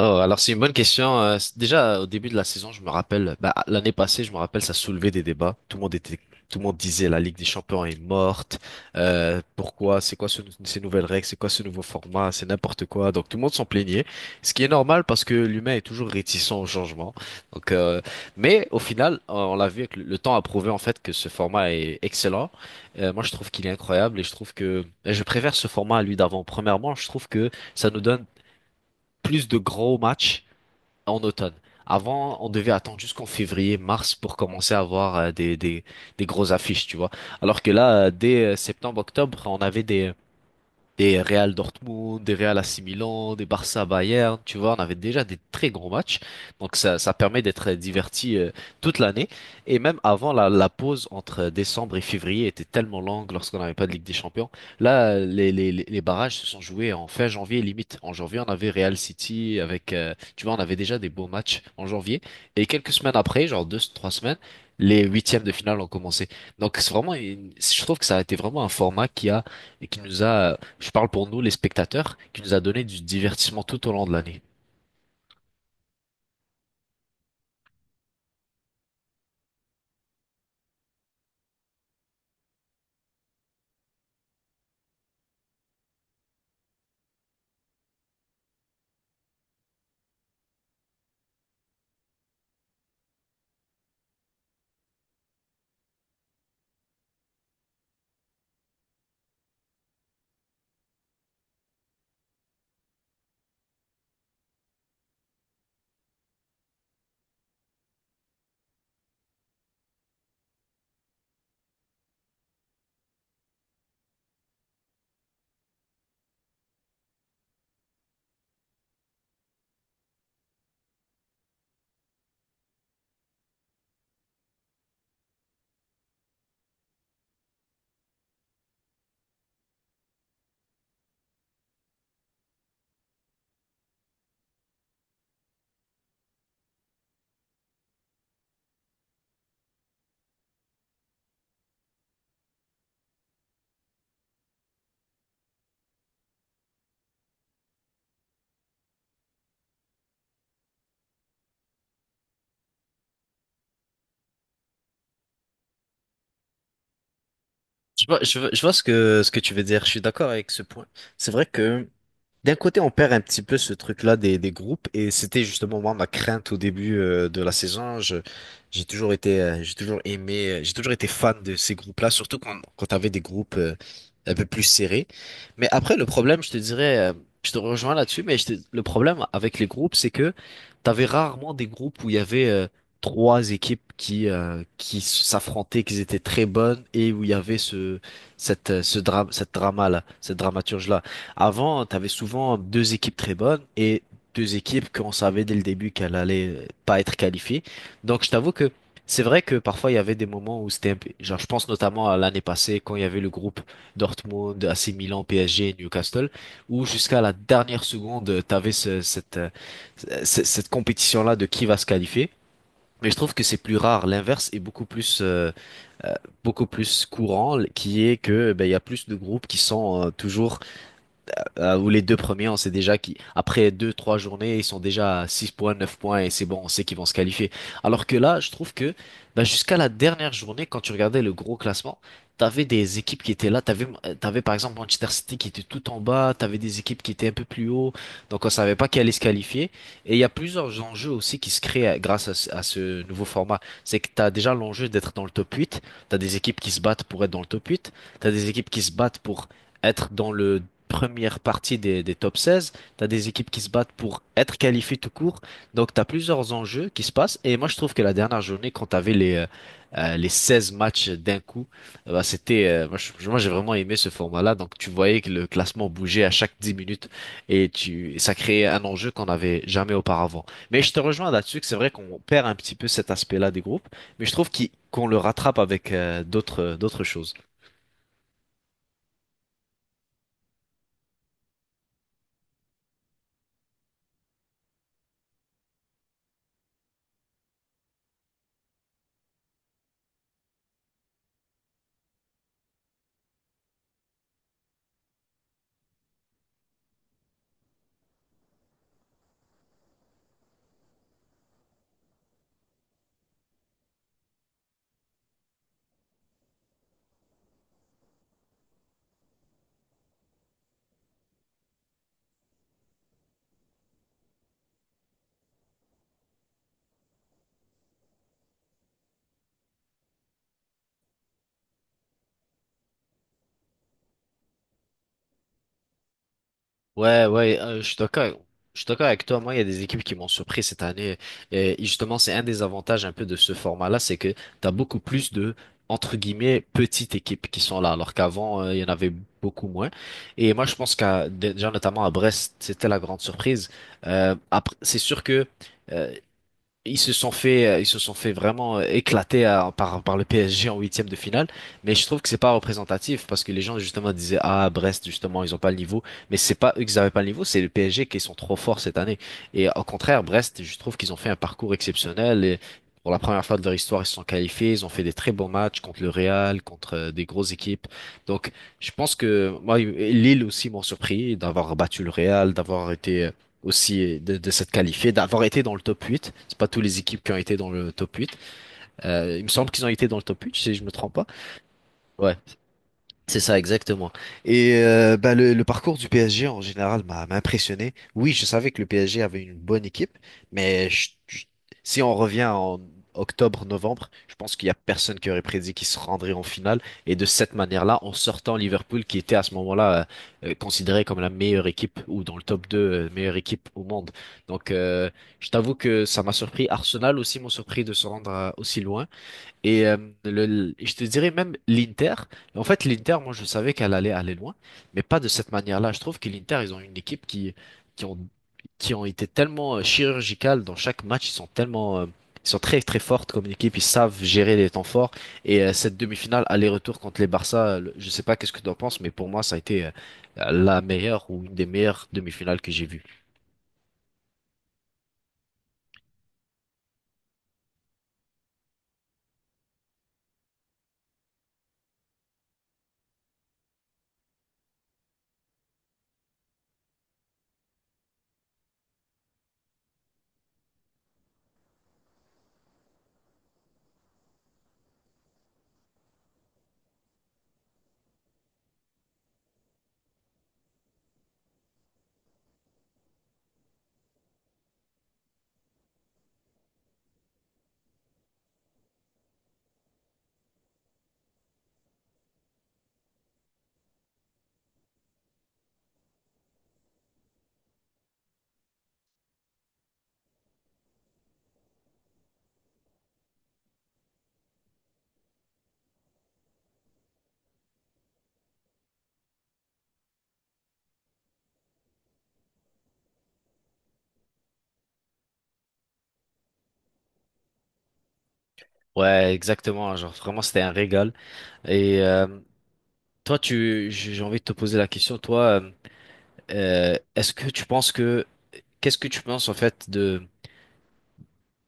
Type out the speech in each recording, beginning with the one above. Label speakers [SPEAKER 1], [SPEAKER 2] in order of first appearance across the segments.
[SPEAKER 1] Oh, alors c'est une bonne question. Déjà, au début de la saison, je me rappelle, bah, l'année passée, je me rappelle, ça soulevait des débats. Tout le monde disait la Ligue des Champions est morte. Pourquoi? C'est quoi ces nouvelles règles? C'est quoi ce nouveau format? C'est n'importe quoi. Donc tout le monde s'en plaignait, ce qui est normal parce que l'humain est toujours réticent au changement. Donc, euh, mais au final, on l'a vu, avec le temps a prouvé en fait que ce format est excellent. Moi, je trouve qu'il est incroyable et je trouve que je préfère ce format à lui d'avant. Premièrement, je trouve que ça nous donne plus de gros matchs en automne. Avant, on devait attendre jusqu'en février, mars pour commencer à avoir des grosses affiches, tu vois. Alors que là, dès septembre, octobre, on avait des Real Dortmund, des Real AC Milan, des Barça Bayern, tu vois, on avait déjà des très gros matchs. Donc ça permet d'être diverti, toute l'année. Et même avant, la pause entre décembre et février était tellement longue lorsqu'on n'avait pas de Ligue des Champions. Là, les barrages se sont joués en fin janvier limite. En janvier, on avait Real City avec, tu vois, on avait déjà des beaux matchs en janvier. Et quelques semaines après, genre 2, 3 semaines, les huitièmes de finale ont commencé. Donc c'est vraiment je trouve que ça a été vraiment un format qui a et qui nous a, je parle pour nous, les spectateurs, qui nous a donné du divertissement tout au long de l'année. Je vois ce que tu veux dire. Je suis d'accord avec ce point. C'est vrai que d'un côté, on perd un petit peu ce truc-là des groupes, et c'était justement moi ma crainte au début, de la saison. Je, j'ai toujours été, j'ai toujours aimé, J'ai toujours été fan de ces groupes-là, surtout quand t'avais des groupes, un peu plus serrés. Mais après, le problème, je te dirais, je te rejoins là-dessus, mais le problème avec les groupes, c'est que t'avais rarement des groupes où il y avait 3 équipes qui s'affrontaient, qui étaient très bonnes, et où il y avait ce drame, cette drama-là, cette dramaturge-là. Avant, tu avais souvent deux équipes très bonnes et deux équipes qu'on savait dès le début qu'elles allaient pas être qualifiées. Donc, je t'avoue que c'est vrai que parfois il y avait des moments où c'était genre je pense notamment à l'année passée quand il y avait le groupe Dortmund, AC Milan, PSG, Newcastle où jusqu'à la dernière seconde tu avais cette, cette compétition-là de qui va se qualifier. Mais je trouve que c'est plus rare, l'inverse est beaucoup plus, euh, beaucoup plus courant, qui est que ben, il y a plus de groupes qui sont, toujours, ou les deux premiers, on sait déjà qu'après 2, 3 journées, ils sont déjà à 6 points, 9 points, et c'est bon, on sait qu'ils vont se qualifier. Alors que là, je trouve que bah, jusqu'à la dernière journée, quand tu regardais le gros classement, t'avais des équipes qui étaient là, t'avais par exemple Manchester City qui était tout en bas, t'avais des équipes qui étaient un peu plus haut, donc on savait pas qui allait se qualifier. Et il y a plusieurs enjeux aussi qui se créent, grâce à ce nouveau format. C'est que t'as déjà l'enjeu d'être dans le top 8. T'as des équipes qui se battent pour être dans le top 8. T'as des équipes qui se battent pour être dans le première partie des top 16. Tu as des équipes qui se battent pour être qualifiées tout court. Donc, tu as plusieurs enjeux qui se passent. Et moi, je trouve que la dernière journée, quand tu avais les 16 matchs d'un coup, moi, j'ai vraiment aimé ce format-là. Donc, tu voyais que le classement bougeait à chaque 10 minutes et et ça créait un enjeu qu'on n'avait jamais auparavant. Mais je te rejoins là-dessus que c'est vrai qu'on perd un petit peu cet aspect-là des groupes, mais je trouve qu'on le rattrape avec, d'autres choses. Ouais, ouais, je suis d'accord. Je suis d'accord avec toi. Moi, il y a des équipes qui m'ont surpris cette année. Et justement, c'est un des avantages un peu de ce format-là, c'est que t'as beaucoup plus de, entre guillemets, petites équipes qui sont là, alors qu'avant, il y en avait beaucoup moins. Et moi, je pense déjà, notamment à Brest, c'était la grande surprise. Après, c'est sûr que, euh, ils se sont fait vraiment, éclater par le PSG en huitième de finale. Mais je trouve que c'est pas représentatif parce que les gens justement disaient, ah, Brest, justement, ils ont pas le niveau. Mais c'est pas eux qui avaient pas le niveau, c'est le PSG qui sont trop forts cette année. Et au contraire, Brest, je trouve qu'ils ont fait un parcours exceptionnel et pour la première fois de leur histoire, ils se sont qualifiés, ils ont fait des très bons matchs contre le Real, contre, des grosses équipes. Donc, je pense que moi, Lille aussi m'ont surpris d'avoir battu le Real, d'avoir été aussi de s'être qualifié, d'avoir été dans le top 8. C'est pas toutes les équipes qui ont été dans le top 8. Il me semble qu'ils ont été dans le top 8 si je me trompe pas. Ouais. C'est ça, exactement. Et le parcours du PSG en général m'a impressionné. Oui, je savais que le PSG avait une bonne équipe, mais si on revient en octobre, novembre, je pense qu'il y a personne qui aurait prédit qu'ils se rendraient en finale. Et de cette manière-là, en sortant Liverpool, qui était à ce moment-là, considéré comme la meilleure équipe ou dans le top 2, meilleure équipe au monde. Donc, euh, je t'avoue que ça m'a surpris. Arsenal aussi m'ont surpris de se rendre, aussi loin. Et euh, je te dirais même l'Inter. En fait, l'Inter, moi, je savais qu'elle allait aller loin, mais pas de cette manière-là. Je trouve que l'Inter, ils ont une équipe qui ont, qui ont été tellement, chirurgicales dans chaque match. Ils sont très, très fortes comme équipe. Ils savent gérer les temps forts. Cette demi-finale aller-retour contre les Barça, je sais pas qu'est-ce que tu en penses, mais pour moi, ça a été, la meilleure ou une des meilleures demi-finales que j'ai vues. Ouais, exactement. Genre, vraiment, c'était un régal. Et euh, j'ai envie de te poser la question, toi. Est-ce que tu penses que Qu'est-ce que tu penses en fait de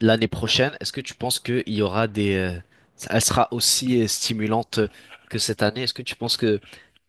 [SPEAKER 1] l'année prochaine? Est-ce que tu penses qu'il y aura des elle sera aussi, stimulante que cette année? Est-ce que tu penses que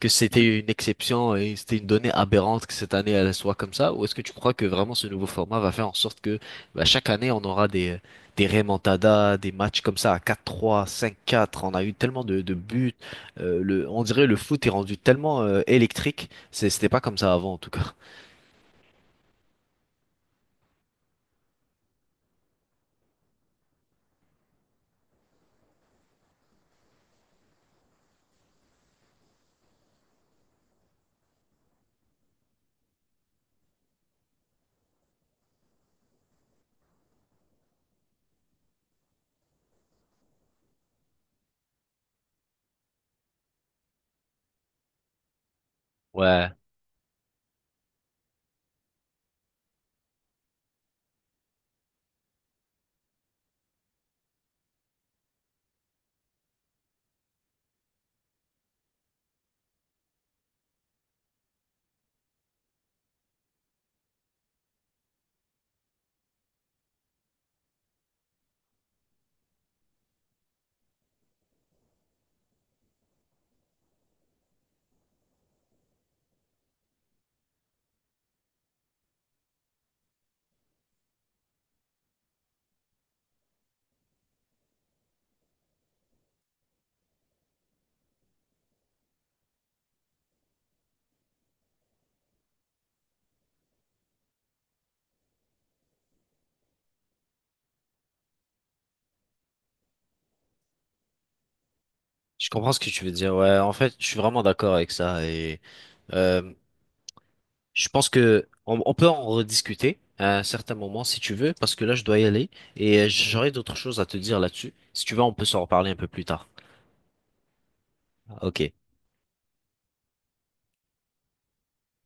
[SPEAKER 1] que c'était une exception et c'était une donnée aberrante que cette année elle soit comme ça? Ou est-ce que tu crois que vraiment ce nouveau format va faire en sorte que bah, chaque année on aura des remontadas, des matchs comme ça à 4-3, 5-4? On a eu tellement de buts. On dirait le foot est rendu tellement, électrique. C'était pas comme ça avant en tout cas. Ouais. Je comprends ce que tu veux dire. Ouais, en fait, je suis vraiment d'accord avec ça. Euh, je pense que on peut en rediscuter à un certain moment si tu veux, parce que là, je dois y aller et, j'aurai d'autres choses à te dire là-dessus. Si tu veux, on peut s'en reparler un peu plus tard. Ok.